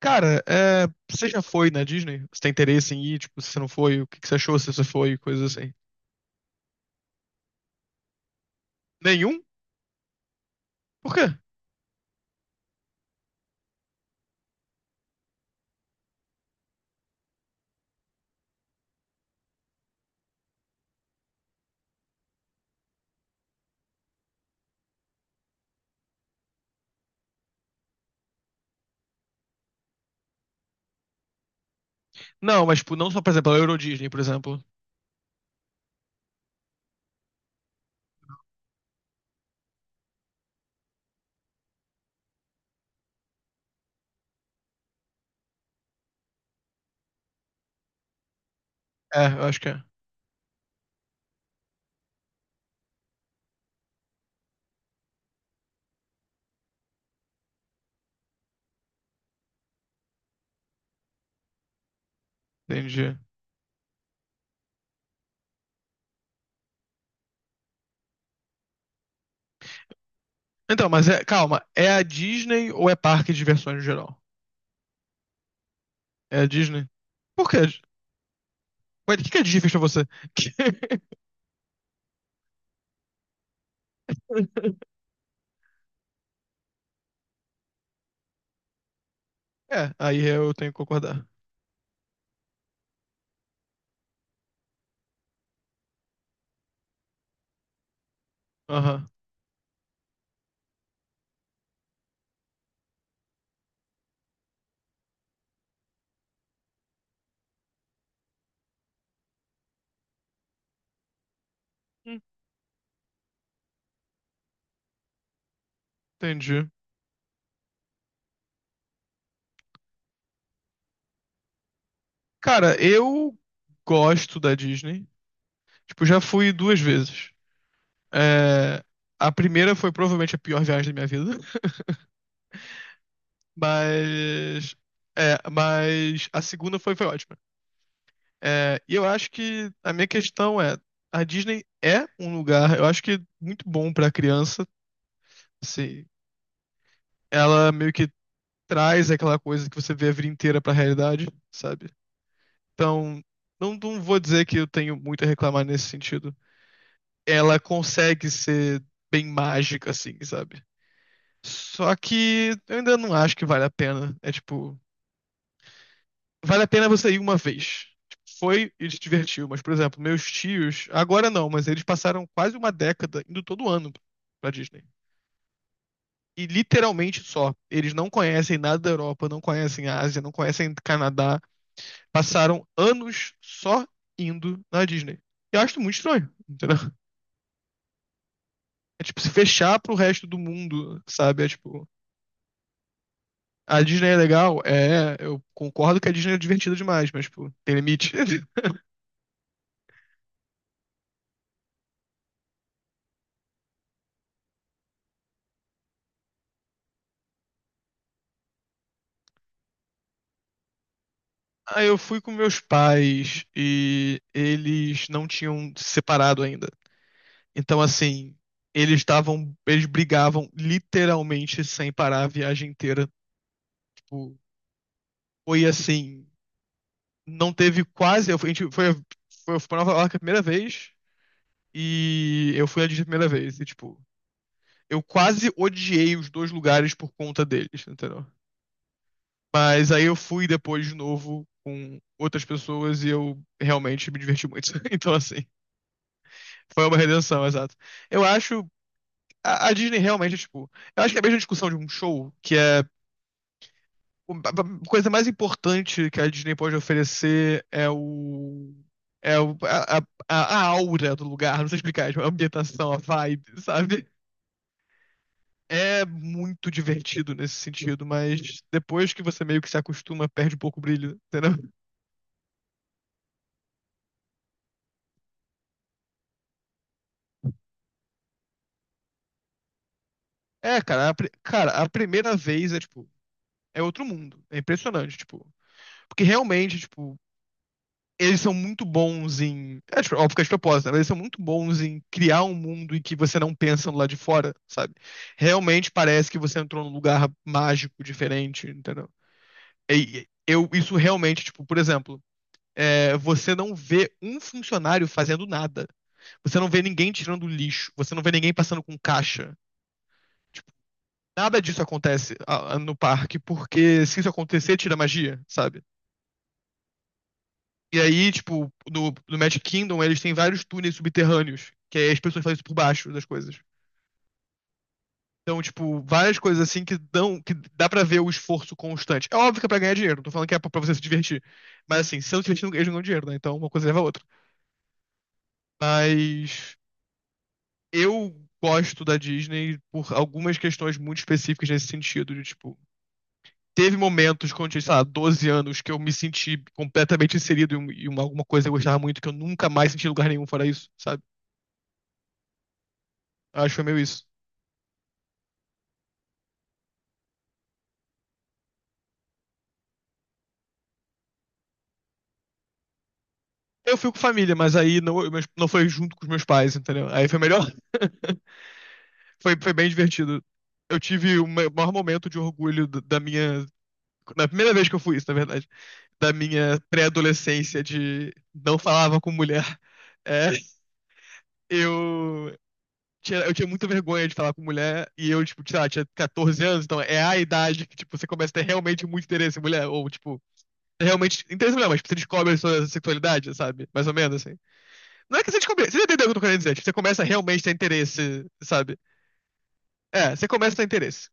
Cara, você já foi na Disney? Você tem interesse em ir? Tipo, se você não foi, o que que você achou se você foi? Coisas assim. Nenhum? Por quê? Não, mas, tipo, não só, por exemplo, a Euro Disney, por exemplo. É, eu acho que é. Entendi. Então, mas calma, é a Disney ou é parque de diversões no geral? É a Disney? Por quê? Ué, o que que a Disney fez pra você? É, aí eu tenho que concordar. Aham. Hum, entendi. Cara, eu gosto da Disney. Tipo, já fui duas vezes. É, a primeira foi provavelmente a pior viagem da minha vida, mas, a segunda foi ótima. É, e eu acho que a minha questão é, a Disney é um lugar, eu acho que muito bom pra criança, assim, ela meio que traz aquela coisa que você vê a vida inteira pra realidade, sabe? Então, não vou dizer que eu tenho muito a reclamar nesse sentido. Ela consegue ser bem mágica, assim, sabe? Só que eu ainda não acho que vale a pena. É tipo, vale a pena você ir uma vez. Tipo, foi e se divertiu. Mas, por exemplo, meus tios, agora não, mas eles passaram quase uma década indo todo ano pra Disney. E literalmente só. Eles não conhecem nada da Europa, não conhecem a Ásia, não conhecem Canadá. Passaram anos só indo na Disney. Eu acho muito estranho, entendeu? É tipo se fechar pro resto do mundo, sabe? É tipo. A Disney é legal, é, eu concordo que a Disney é divertida demais, mas, pô, tem limite. Aí eu fui com meus pais e eles não tinham se separado ainda. Então, assim, eles brigavam literalmente sem parar a viagem inteira. Tipo, foi assim, não teve quase, a gente foi pra Nova York a primeira vez e eu fui à Disney a primeira vez. E, tipo, eu quase odiei os dois lugares por conta deles, entendeu? Mas aí eu fui depois de novo com outras pessoas e eu realmente me diverti muito. Então, assim, foi uma redenção, exato. Eu acho. A Disney realmente é tipo. Eu acho que é a mesma discussão de um show, que é. A coisa mais importante que a Disney pode oferecer é o. É o, a, a aura do lugar, não sei explicar, tipo, a ambientação, a vibe, sabe? É muito divertido nesse sentido, mas depois que você meio que se acostuma, perde um pouco o brilho, entendeu? É, cara, a primeira vez é, tipo, é outro mundo. É impressionante, tipo. Porque realmente, tipo, eles são muito bons em. É, tipo, óbvio que é de propósito, né? Mas eles são muito bons em criar um mundo em que você não pensa no lado de fora, sabe? Realmente parece que você entrou num lugar mágico, diferente, entendeu? Isso realmente, tipo, por exemplo, é, você não vê um funcionário fazendo nada. Você não vê ninguém tirando lixo. Você não vê ninguém passando com caixa. Nada disso acontece no parque, porque se isso acontecer, tira magia, sabe? E aí, tipo, no Magic Kingdom, eles têm vários túneis subterrâneos, que aí as pessoas fazem isso por baixo das coisas. Então, tipo, várias coisas assim que dá pra ver o esforço constante. É óbvio que é pra ganhar dinheiro, não tô falando que é pra você se divertir. Mas assim, se não se divertir, eles não ganham dinheiro, né? Então uma coisa leva a outra. Mas eu gosto da Disney por algumas questões muito específicas nesse sentido, de tipo, teve momentos quando eu tinha, sei lá, 12 anos que eu me senti completamente inserido em uma, alguma coisa que eu gostava muito que eu nunca mais senti em lugar nenhum fora isso, sabe? Eu acho que foi meio isso. Eu fui com família, mas aí não, não foi junto com os meus pais, entendeu? Aí foi melhor. Foi bem divertido. Eu tive o maior momento de orgulho da minha. Na primeira vez que eu fui isso, na verdade, da minha pré-adolescência de não falava com mulher. É, eu eu tinha muita vergonha de falar com mulher, e eu, tipo, sei lá, tinha 14 anos, então é a idade que, tipo, você começa a ter realmente muito interesse em mulher, ou, tipo, realmente, interesse em mulher, mas tipo, você descobre a sua sexualidade, sabe? Mais ou menos, assim. Não é que você descobre, você entendeu o que eu tô querendo dizer, tipo, você começa a realmente ter interesse, sabe? É, você começa a ter interesse.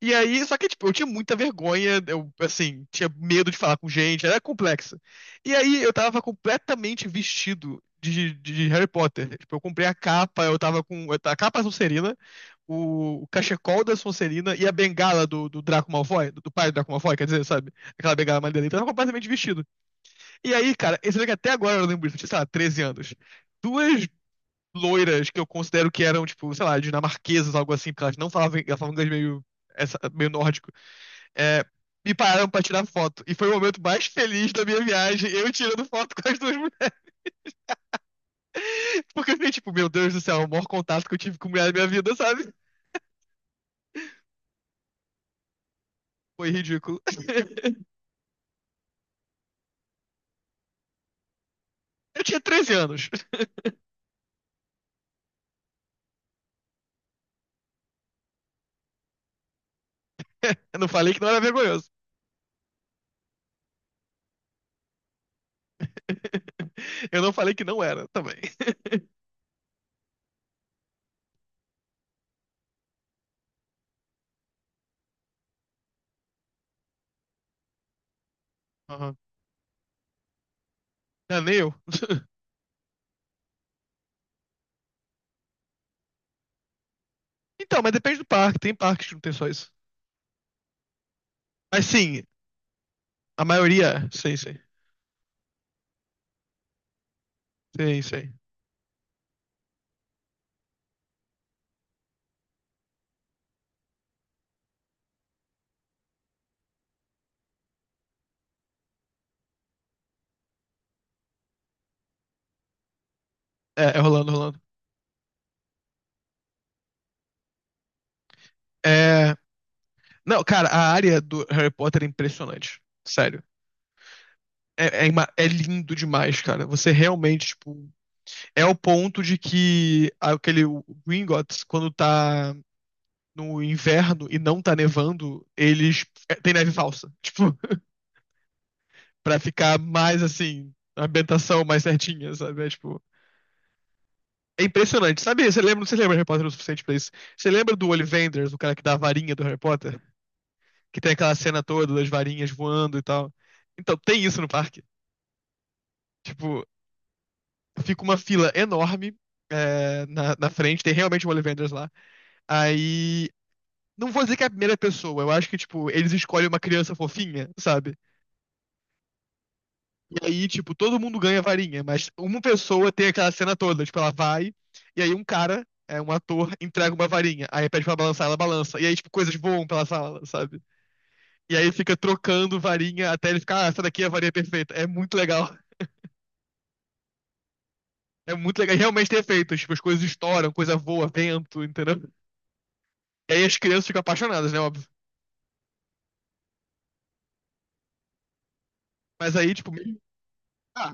E aí, só que, tipo, eu tinha muita vergonha, eu, assim, tinha medo de falar com gente, era complexa. E aí, eu tava completamente vestido de Harry Potter. Tipo, eu comprei a capa, eu tava com. A capa azul o cachecol da Sonserina e a bengala do Draco Malfoy, do pai do Draco Malfoy, quer dizer, sabe? Aquela bengala maneira. Então ele tava completamente vestido. E aí, cara, você vê que até agora eu lembro disso, eu tinha, sei lá, 13 anos. Duas loiras que eu considero que eram, tipo, sei lá, dinamarquesas, algo assim, porque elas não falavam, elas falavam inglês meio, essa, meio nórdico. É, me pararam pra tirar foto. E foi o momento mais feliz da minha viagem, eu tirando foto com as duas mulheres. Porque eu fiquei tipo, meu Deus do céu, é o maior contato que eu tive com mulher da minha vida, sabe? Foi ridículo. Eu tinha 13 anos. Eu não falei que não era vergonhoso. Eu não falei que não era também. Uhum. Ah, nem eu. Então, mas depende do parque. Tem parques que não tem só isso. Mas sim, a maioria. Sim, sim. Sim, sim. É rolando, rolando. É. Não, cara, a área do Harry Potter é impressionante. Sério. É lindo demais, cara. Você realmente, tipo. É o ponto de que aquele o Gringotts, quando tá no inverno e não tá nevando, eles. Tem neve falsa. Tipo. Pra ficar mais assim, a ambientação mais certinha, sabe? É tipo. É impressionante. Sabe, você lembra, não sei se lembra de Harry Potter o suficiente pra isso. Você lembra do Ollivanders, o cara que dá a varinha do Harry Potter? Que tem aquela cena toda das varinhas voando e tal. Então, tem isso no parque. Tipo, fica uma fila enorme na frente, tem realmente um Ollivanders lá. Aí. Não vou dizer que é a primeira pessoa, eu acho que, tipo, eles escolhem uma criança fofinha, sabe? E aí, tipo, todo mundo ganha varinha, mas uma pessoa tem aquela cena toda, tipo, ela vai, e aí um cara, é um ator, entrega uma varinha, aí pede pra balançar, ela balança, e aí, tipo, coisas voam pela sala, sabe? E aí fica trocando varinha até ele ficar, ah, essa daqui é a varinha perfeita. É muito legal. É muito legal. E realmente tem efeitos, tipo, as coisas estouram, coisa voa, vento, entendeu? E aí as crianças ficam apaixonadas, né, óbvio. Mas aí, tipo, ah,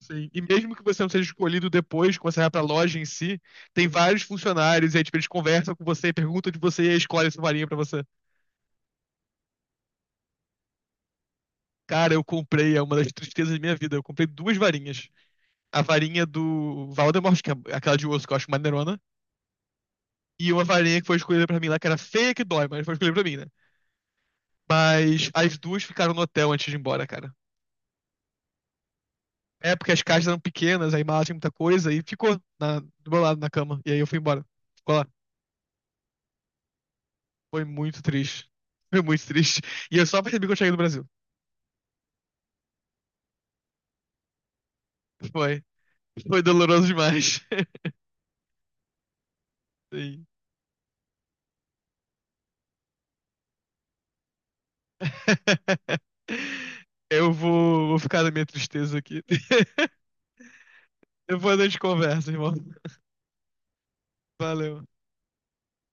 sim. E mesmo que você não seja escolhido depois, quando você vai pra loja em si, tem vários funcionários, e aí, tipo, eles conversam com você, perguntam de você e aí escolhem sua varinha pra você. Cara, eu comprei, é uma das tristezas da minha vida. Eu comprei duas varinhas. A varinha do Valdemort, que é aquela de osso que eu acho maneirona, e uma varinha que foi escolhida pra mim lá, que era feia que dói, mas foi escolhida pra mim, né? Mas as duas ficaram no hotel antes de ir embora, cara. É porque as caixas eram pequenas, aí mala tinha muita coisa, e ficou do meu lado na cama. E aí eu fui embora. Ficou lá. Foi muito triste. Foi muito triste. E eu só percebi que eu cheguei no Brasil. Foi. Foi doloroso demais. Sim. Eu vou ficar na minha tristeza aqui. Depois a gente conversa, irmão. Valeu.